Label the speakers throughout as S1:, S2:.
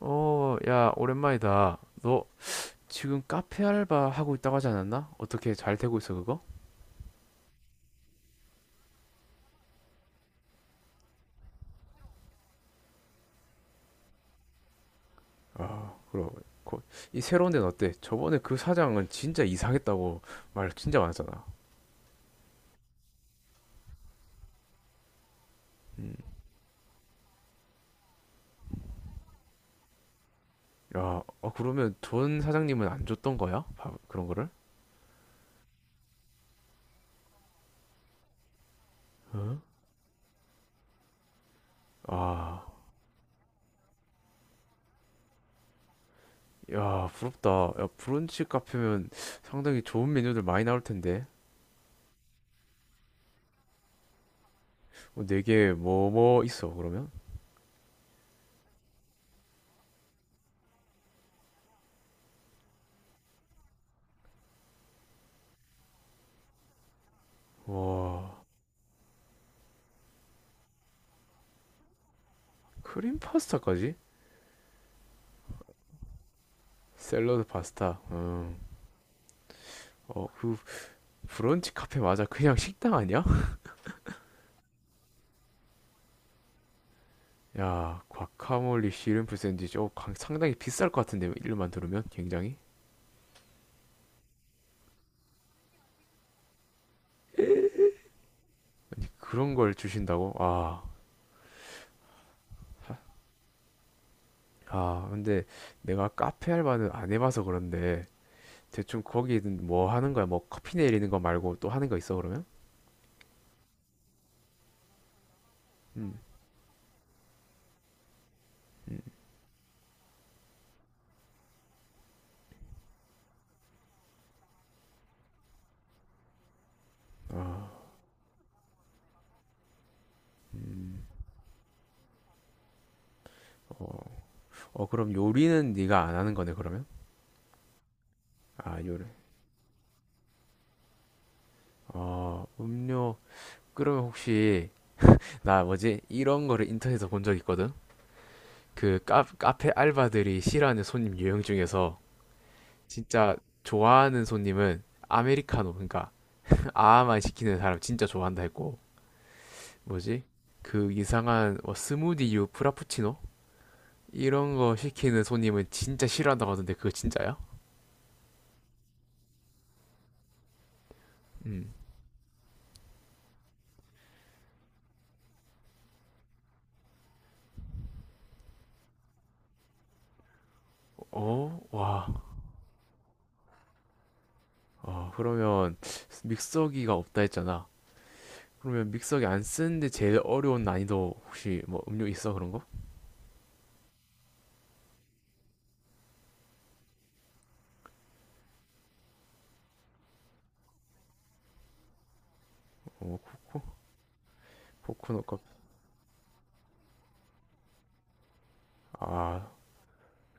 S1: 어, 야, 오랜만이다. 너 지금 카페 알바 하고 있다고 하지 않았나? 어떻게 잘 되고 있어, 그거? 아, 그럼. 거- 이 새로운 데는 어때? 저번에 그 사장은 진짜 이상했다고 말 진짜 많았잖아. 음. 야, 어, 그러면 전 사장님은 안 줬던 거야? 밥, 그런 거를? 응? 아, 야, 부럽다. 야, 브런치 카페면 상당히 좋은 메뉴들 많이 나올 텐데. 어, 네개 뭐 있어, 그러면? 와, 크림 파스타까지? 샐러드 파스타. 음. 어, 그 브런치 카페 맞아? 그냥 식당 아니야? 야, 과카몰리 씨름프 샌드위치. 어, 상당히 비쌀 것 같은데 이름만 들으면 굉장히 그런 걸 주신다고? 아, 아, 근데 내가 카페 알바는 안 해봐서 그런데 대충 거기는 뭐 하는 거야? 뭐 커피 내리는 거 말고 또 하는 거 있어 그러면? 음, 어, 어 그럼 요리는 네가 안 하는 거네 그러면? 아, 요리. 어, 음료. 그러면 혹시 나 뭐지? 이런 거를 인터넷에서 본 적 있거든? 그 카페 알바들이 싫어하는 손님 유형 중에서 진짜 좋아하는 손님은 아메리카노 그러니까 아만 아 시키는 사람 진짜 좋아한다 했고 뭐지 그 이상한 뭐 스무디유 프라푸치노 이런 거 시키는 손님은 진짜 싫어한다고 하던데 그거 진짜야? 음. 어? 와. 어, 그러면 믹서기가 없다 했잖아. 그러면 믹서기 안 쓰는데 제일 어려운 난이도 혹시 뭐 음료 있어 그런 거? 어, 코코? 코코넛 커피. 아,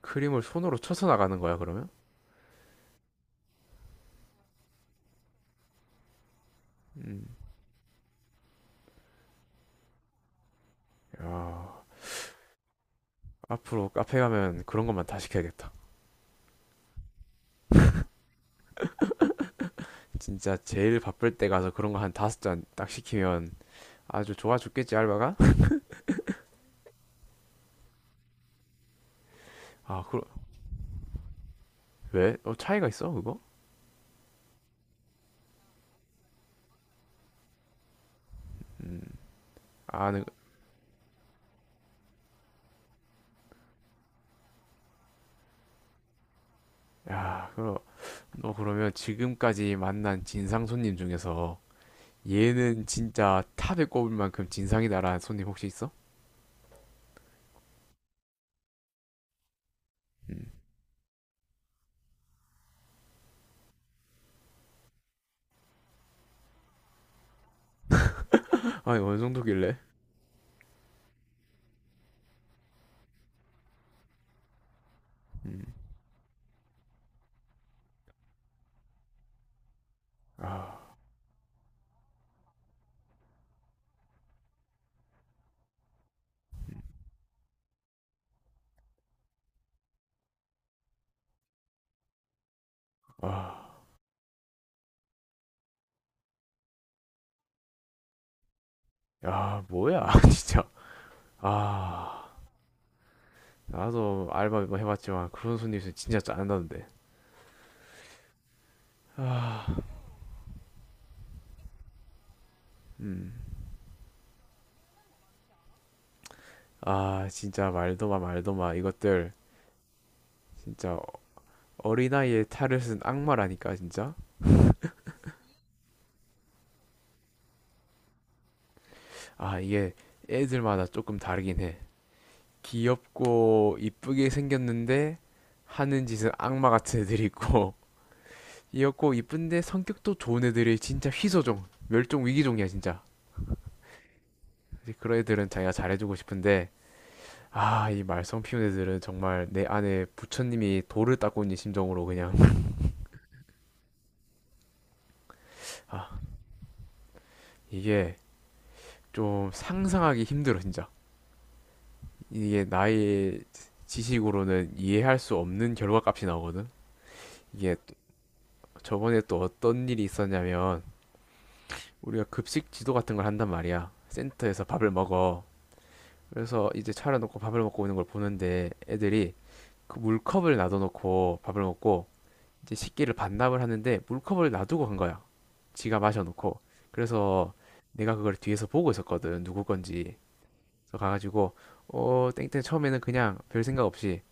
S1: 크림을 손으로 쳐서 나가는 거야, 그러면? 음. 야, 앞으로 카페 가면 그런 것만 다 시켜야겠다. 진짜 제일 바쁠 때 가서 그런 거 한 다섯 잔 딱 시키면 아주 좋아 죽겠지, 알바가? 아, 그, 왜? 어, 차이가 있어, 그거? 아, 네. 야, 그럼, 너 그러면 지금까지 만난 진상 손님 중에서 얘는 진짜 탑에 꼽을 만큼 진상이다라는 손님 혹시 있어? 음. 아니, 어느 정도길래? 음. 아, 아, 야, 뭐야, 진짜. 아. 나도 알바 뭐 해봤지만 그런 손님 있으면 진짜 짜증나는데. 아, 음. 아, 진짜 말도 마, 말도 마. 이것들 진짜 어린아이의 탈을 쓴 악마라니까, 진짜. 아, 이게 애들마다 조금 다르긴 해. 귀엽고 이쁘게 생겼는데 하는 짓은 악마 같은 애들이 있고 귀엽고 이쁜데 성격도 좋은 애들이 진짜 희소종, 멸종 위기종이야, 진짜. 그런 애들은 자기가 잘해주고 싶은데 아, 이 말썽 피운 애들은 정말 내 안에 부처님이 돌을 닦고 있는 심정으로 그냥 아, 이게 좀 상상하기 힘들어 진짜. 이게 나의 지식으로는 이해할 수 없는 결과값이 나오거든. 이게 저번에 또 어떤 일이 있었냐면 우리가 급식 지도 같은 걸 한단 말이야. 센터에서 밥을 먹어. 그래서 이제 차려놓고 밥을 먹고 오는 걸 보는데 애들이 그 물컵을 놔둬놓고 밥을 먹고 이제 식기를 반납을 하는데 물컵을 놔두고 간 거야. 지가 마셔놓고. 그래서 내가 그걸 뒤에서 보고 있었거든. 누구 건지. 그래서 가가지고 어 땡땡 처음에는 그냥 별 생각 없이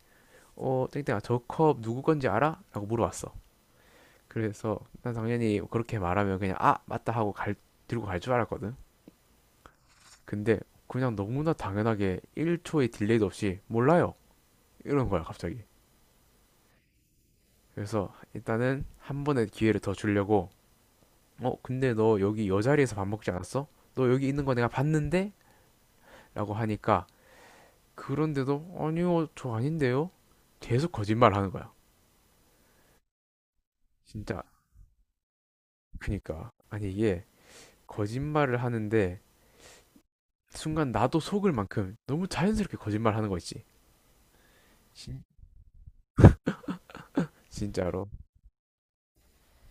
S1: 어 땡땡아 저 컵 누구 건지 알아? 라고 물어봤어. 그래서 난 당연히 그렇게 말하면 그냥 아 맞다 하고 갈 들고 갈 줄 알았거든. 근데 그냥 너무나 당연하게 1초의 딜레이도 없이 몰라요. 이런 거야 갑자기. 그래서 일단은 한 번의 기회를 더 주려고 어, 근데 너 여기 여 자리에서 밥 먹지 않았어? 너 여기 있는 거 내가 봤는데? 라고 하니까 그런데도 아니요, 저 아닌데요? 계속 거짓말 하는 거야. 진짜. 그니까. 아니 이게 거짓말을 하는데 순간 나도 속을 만큼 너무 자연스럽게 거짓말 하는 거 있지. 진, 진짜로.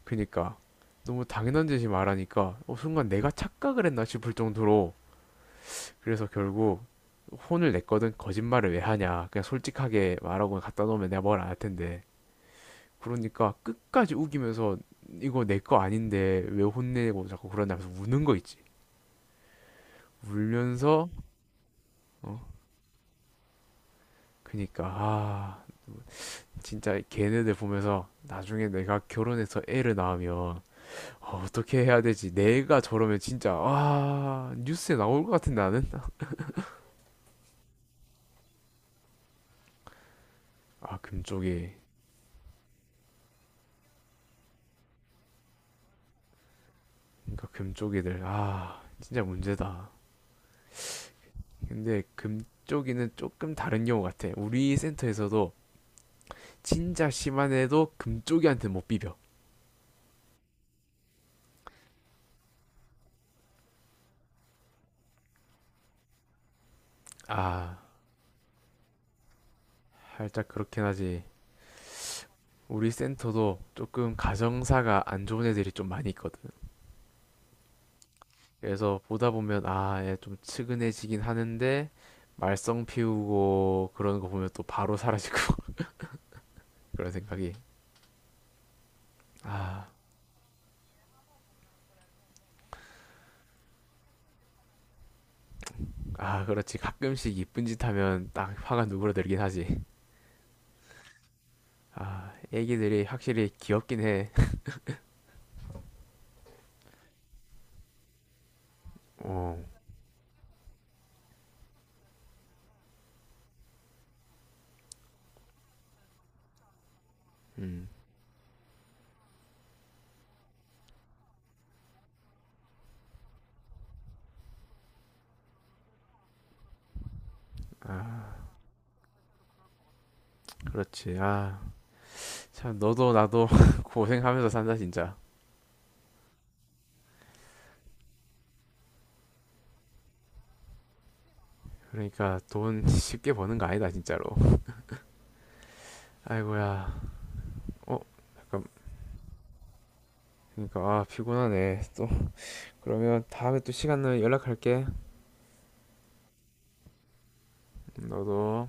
S1: 그니까. 너무 당연한 듯이 말하니까 어, 순간 내가 착각을 했나 싶을 정도로 그래서 결국 혼을 냈거든. 거짓말을 왜 하냐. 그냥 솔직하게 말하고 갖다 놓으면 내가 뭘 안 할 텐데. 그러니까 끝까지 우기면서 이거 내 거 아닌데 왜 혼내고 자꾸 그러냐면서 우는 거 있지. 울면서 어 그니까 아 진짜 걔네들 보면서 나중에 내가 결혼해서 애를 낳으면 어떻게 해야 되지? 내가 저러면 진짜 아 뉴스에 나올 것 같은데 나는 아 금쪽이 그러니까 금쪽이들 아 진짜 문제다. 근데 금쪽이는 조금 다른 경우 같아. 우리 센터에서도 진짜 심한 애도 금쪽이한테 못 비벼. 아 살짝 그렇긴 하지. 우리 센터도 조금 가정사가 안 좋은 애들이 좀 많이 있거든. 그래서 보다 보면 아, 얘 좀 측은해지긴 하는데 말썽 피우고 그러는 거 보면 또 바로 사라지고 그런 생각이. 아, 아, 그렇지. 가끔씩 이쁜 짓 하면 딱 화가 누그러들긴 하지. 아, 애기들이 확실히 귀엽긴 해. 어, 음, 아, 그렇지. 아, 참 너도 나도 고생하면서 산다 진짜. 그러니까 돈 쉽게 버는 거 아니다 진짜로. 아이고야. 어, 잠깐. 그러니까 아, 피곤하네. 또 그러면 다음에 또 시간 나면 연락할게. 너도.